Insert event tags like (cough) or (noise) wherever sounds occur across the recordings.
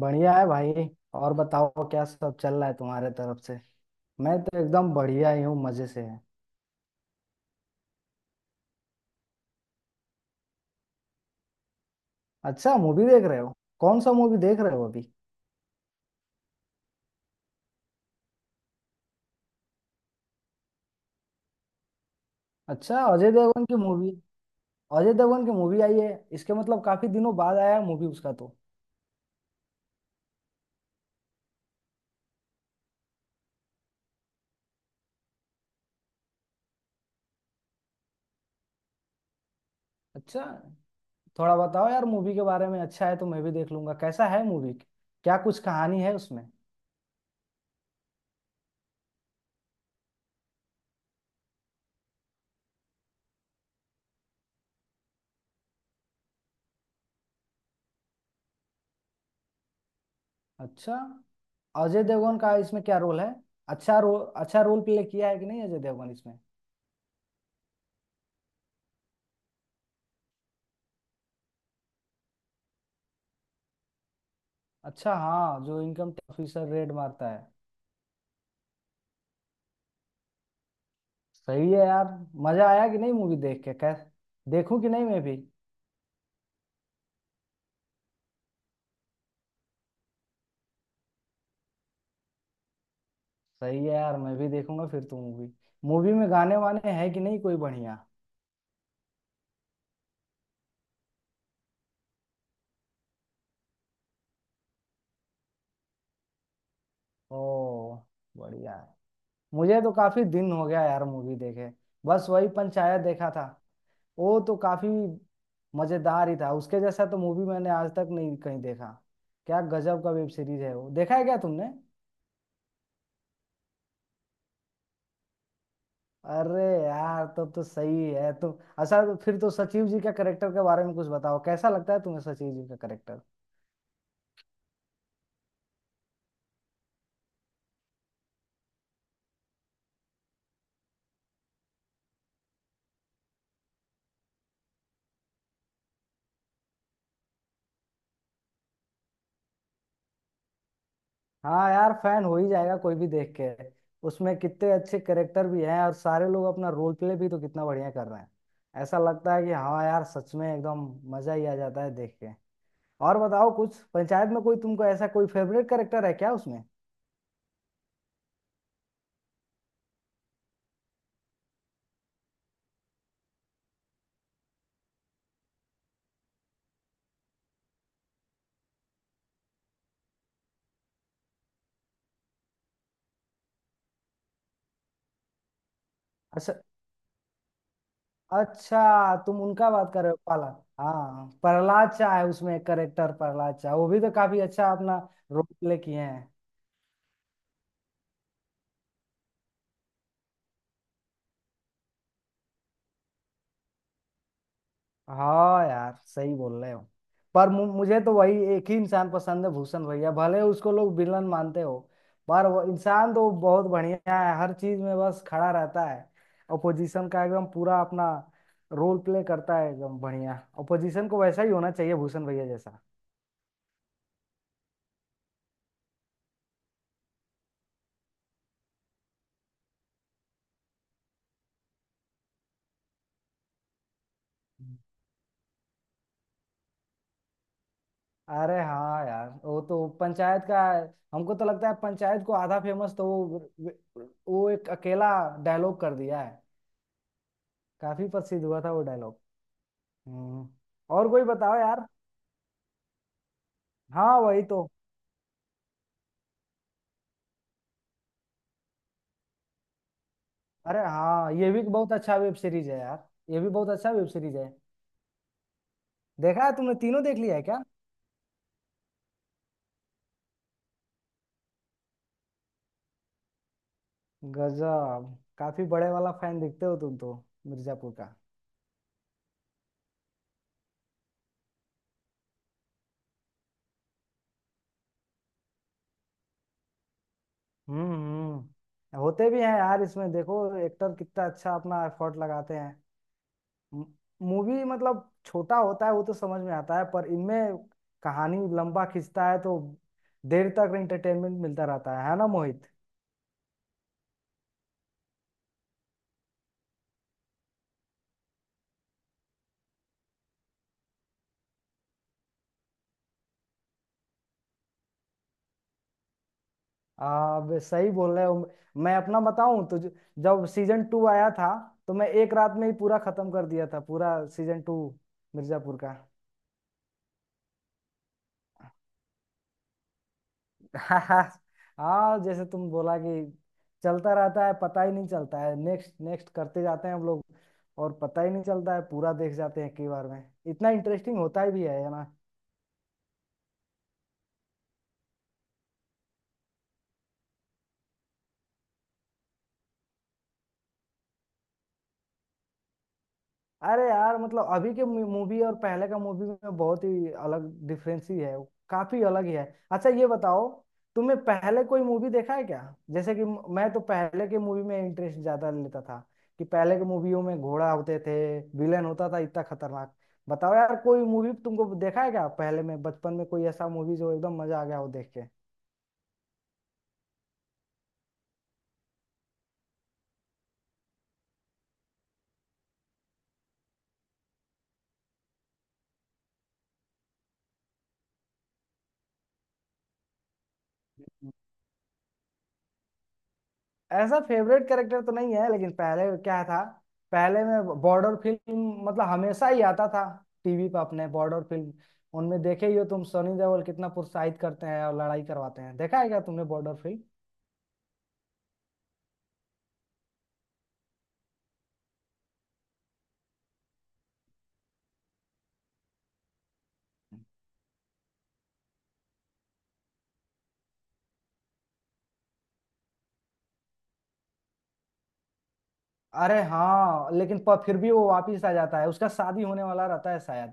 बढ़िया है भाई। और बताओ क्या सब चल रहा है तुम्हारे तरफ से। मैं तो एकदम बढ़िया ही हूँ, मजे से है। अच्छा, मूवी देख रहे हो। कौन सा मूवी देख रहे हो अभी। अच्छा, अजय देवगन की मूवी। अजय देवगन की मूवी आई है। इसके मतलब काफी दिनों बाद आया है मूवी उसका तो। अच्छा, थोड़ा बताओ यार मूवी के बारे में, अच्छा है तो मैं भी देख लूंगा, कैसा है मूवी। क्या कुछ कहानी है उसमें। अच्छा, अजय देवगन का इसमें क्या रोल है। अच्छा रोल, अच्छा रोल प्ले किया है कि नहीं अजय देवगन इसमें। अच्छा, हाँ, जो इनकम टैक्स ऑफिसर रेड मारता है। सही है यार। मजा आया कि नहीं मूवी देख के, कैस, देखूं कि नहीं मैं भी। सही है यार, मैं भी देखूंगा फिर तो मूवी। मूवी में गाने वाने है कि नहीं कोई बढ़िया। ओ, बढ़िया है। मुझे तो काफी दिन हो गया यार मूवी देखे। बस वही पंचायत देखा था। वो तो काफी मजेदार ही था, उसके जैसा तो मूवी मैंने आज तक नहीं कहीं देखा। क्या गजब का वेब सीरीज है वो, देखा है क्या तुमने। अरे यार तब तो सही है तो। अच्छा, तो फिर तो सचिव जी का करेक्टर के बारे में कुछ बताओ, कैसा लगता है तुम्हें सचिव जी का करेक्टर। हाँ यार, फैन हो ही जाएगा कोई भी देख के। उसमें कितने अच्छे करेक्टर भी हैं और सारे लोग अपना रोल प्ले भी तो कितना बढ़िया कर रहे हैं। ऐसा लगता है कि हाँ यार सच में एकदम मजा ही आ जाता है देख के। और बताओ कुछ पंचायत में कोई तुमको ऐसा कोई फेवरेट करेक्टर है क्या उसमें। अच्छा। अच्छा, तुम उनका बात कर रहे हो पाला। हाँ, प्रहलाद शाह है उसमें एक करेक्टर, प्रहलाद शाह, वो भी तो काफी अच्छा अपना रोल प्ले किए हैं। हाँ यार सही बोल रहे हो। पर मुझे तो वही एक ही इंसान पसंद है, भूषण भैया, भले उसको लोग विलन मानते हो। पर वो इंसान तो बहुत बढ़िया है, हर चीज में बस खड़ा रहता है। अपोजिशन का एकदम पूरा अपना रोल प्ले करता है एकदम बढ़िया, अपोजिशन को वैसा ही होना चाहिए भूषण भैया जैसा। अरे हाँ यार वो तो पंचायत का, हमको तो लगता है पंचायत को आधा फेमस तो वो एक अकेला डायलॉग कर दिया है। काफी प्रसिद्ध हुआ था वो डायलॉग। हम्म। और कोई बताओ यार। हाँ वही तो। अरे हाँ, ये भी बहुत अच्छा वेब सीरीज है यार, ये भी बहुत अच्छा वेब सीरीज है। देखा है तुमने, तीनों देख लिया है क्या। गजब, काफी बड़े वाला फैन दिखते हो तुम तो मिर्जापुर का। हम्म हम्म। होते भी हैं यार, इसमें देखो एक्टर कितना अच्छा अपना एफर्ट लगाते हैं। मूवी मतलब छोटा होता है वो तो समझ में आता है, पर इनमें कहानी लंबा खींचता है तो देर तक एंटरटेनमेंट मिलता रहता है ना मोहित। आप सही बोल रहे हो। मैं अपना बताऊं तो जब सीजन टू आया था तो मैं एक रात में ही पूरा खत्म कर दिया था पूरा सीजन टू मिर्जापुर का। (laughs) हाँ, जैसे तुम बोला कि चलता रहता है, पता ही नहीं चलता है, नेक्स्ट नेक्स्ट करते जाते हैं हम लोग और पता ही नहीं चलता है, पूरा देख जाते हैं कई बार में। इतना इंटरेस्टिंग होता ही भी है ना। अरे यार मतलब अभी के मूवी और पहले का मूवी में बहुत ही अलग डिफरेंस ही है, काफी अलग ही है। अच्छा ये बताओ, तुमने पहले कोई मूवी देखा है क्या। जैसे कि मैं तो पहले के मूवी में इंटरेस्ट ज्यादा लेता था, कि पहले के मूवियों में घोड़ा होते थे, विलेन होता था इतना खतरनाक। बताओ यार कोई मूवी तुमको देखा है क्या पहले में, बचपन में कोई ऐसा मूवी जो एकदम मजा आ गया हो देख के। ऐसा फेवरेट कैरेक्टर तो नहीं है, लेकिन पहले क्या था, पहले में बॉर्डर फिल्म मतलब हमेशा ही आता था टीवी पर अपने, बॉर्डर फिल्म उनमें देखे ही हो तुम, सनी देओल कितना प्रोत्साहित करते हैं और लड़ाई करवाते हैं, देखा है क्या तुमने बॉर्डर फिल्म। अरे हाँ, लेकिन पर फिर भी वो वापिस आ जाता है, उसका शादी होने वाला रहता है शायद,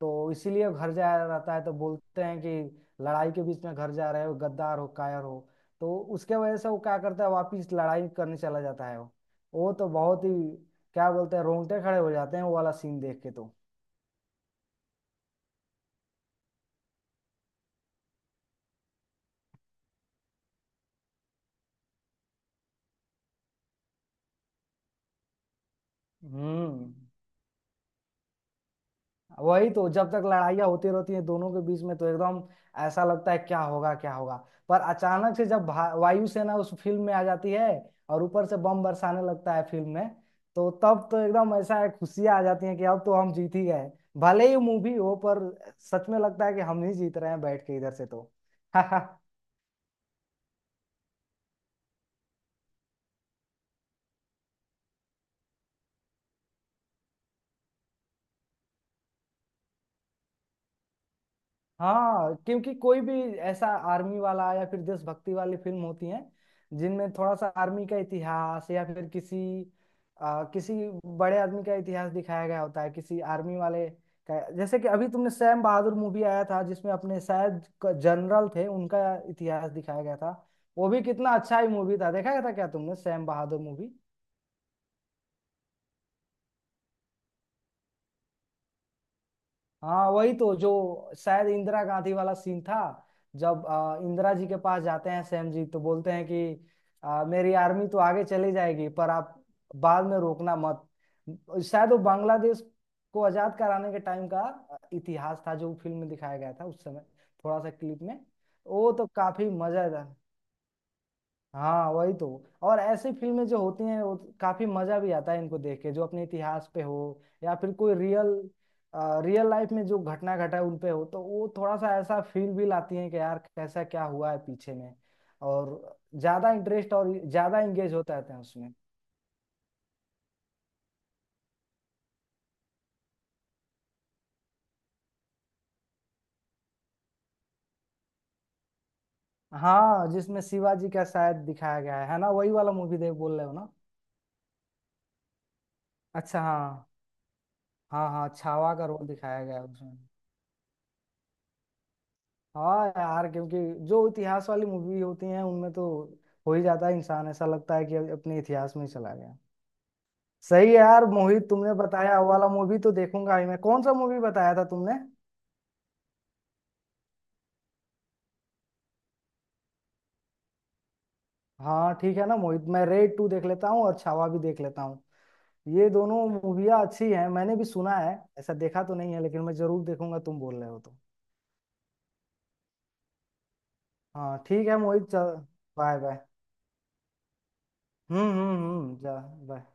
तो इसीलिए घर जा रहता है, तो बोलते हैं कि लड़ाई के बीच में घर जा रहे हो, गद्दार हो, कायर हो, तो उसके वजह से वो क्या करता है वापिस लड़ाई करने चला जाता है वो। वो तो बहुत ही क्या बोलते हैं, रोंगटे खड़े हो जाते हैं वो वाला सीन देख के तो। हम्म। वही तो, जब तक लड़ाइयाँ होती रहती हैं दोनों के बीच में तो एकदम ऐसा लगता है क्या होगा क्या होगा। पर अचानक से जब वायुसेना उस फिल्म में आ जाती है और ऊपर से बम बरसाने लगता है फिल्म में, तो तब तो एकदम ऐसा है खुशियाँ आ जाती हैं कि अब तो हम जीत ही गए। भले ही मूवी हो पर सच में लगता है कि हम ही जीत रहे हैं बैठ के इधर से तो। (laughs) हाँ, क्योंकि कोई भी ऐसा आर्मी वाला या फिर देशभक्ति वाली फिल्म होती है जिनमें थोड़ा सा आर्मी का इतिहास या फिर किसी किसी बड़े आदमी का इतिहास दिखाया गया होता है, किसी आर्मी वाले का। जैसे कि अभी तुमने सैम बहादुर मूवी आया था जिसमें अपने शायद जनरल थे उनका इतिहास दिखाया गया था। वो भी कितना अच्छा ही मूवी था, देखा गया था क्या तुमने सैम बहादुर मूवी। हाँ वही तो, जो शायद इंदिरा गांधी वाला सीन था जब इंदिरा जी के पास जाते हैं सैम जी तो बोलते हैं कि मेरी आर्मी तो आगे चली जाएगी पर आप बाद में रोकना मत। शायद वो बांग्लादेश को आजाद कराने के टाइम का इतिहास था जो फिल्म में दिखाया गया था उस समय थोड़ा सा क्लिप में। वो तो काफी मजेदार। हाँ वही तो। और ऐसी फिल्में जो होती हैं वो काफी मजा भी आता है इनको देख के, जो अपने इतिहास पे हो या फिर कोई रियल, रियल लाइफ में जो घटना घटा है उन पे हो, तो वो थोड़ा सा ऐसा फील भी लाती है कि यार कैसा क्या हुआ है पीछे में, और ज्यादा इंटरेस्ट और ज्यादा इंगेज होता रहते हैं उसमें। हाँ, जिसमें शिवाजी का शायद दिखाया गया है ना, वही वाला मूवी देख बोल रहे हो ना। अच्छा, हाँ। हाँ हाँ, छावा का रोल दिखाया गया है उसमें। हाँ यार क्योंकि जो इतिहास वाली मूवी होती हैं उनमें तो हो ही जाता है इंसान, ऐसा लगता है कि अब अपने इतिहास में ही चला गया। सही है यार मोहित, तुमने बताया वो वाला मूवी तो देखूंगा ही मैं, कौन सा मूवी बताया था तुमने। हाँ ठीक है ना मोहित, मैं रेड टू देख लेता हूँ और छावा भी देख लेता हूँ। ये दोनों मूवियाँ अच्छी हैं मैंने भी सुना है, ऐसा देखा तो नहीं है लेकिन मैं जरूर देखूंगा तुम बोल रहे हो तो। हाँ ठीक है मोहित चल, बाय बाय। जा, बाय।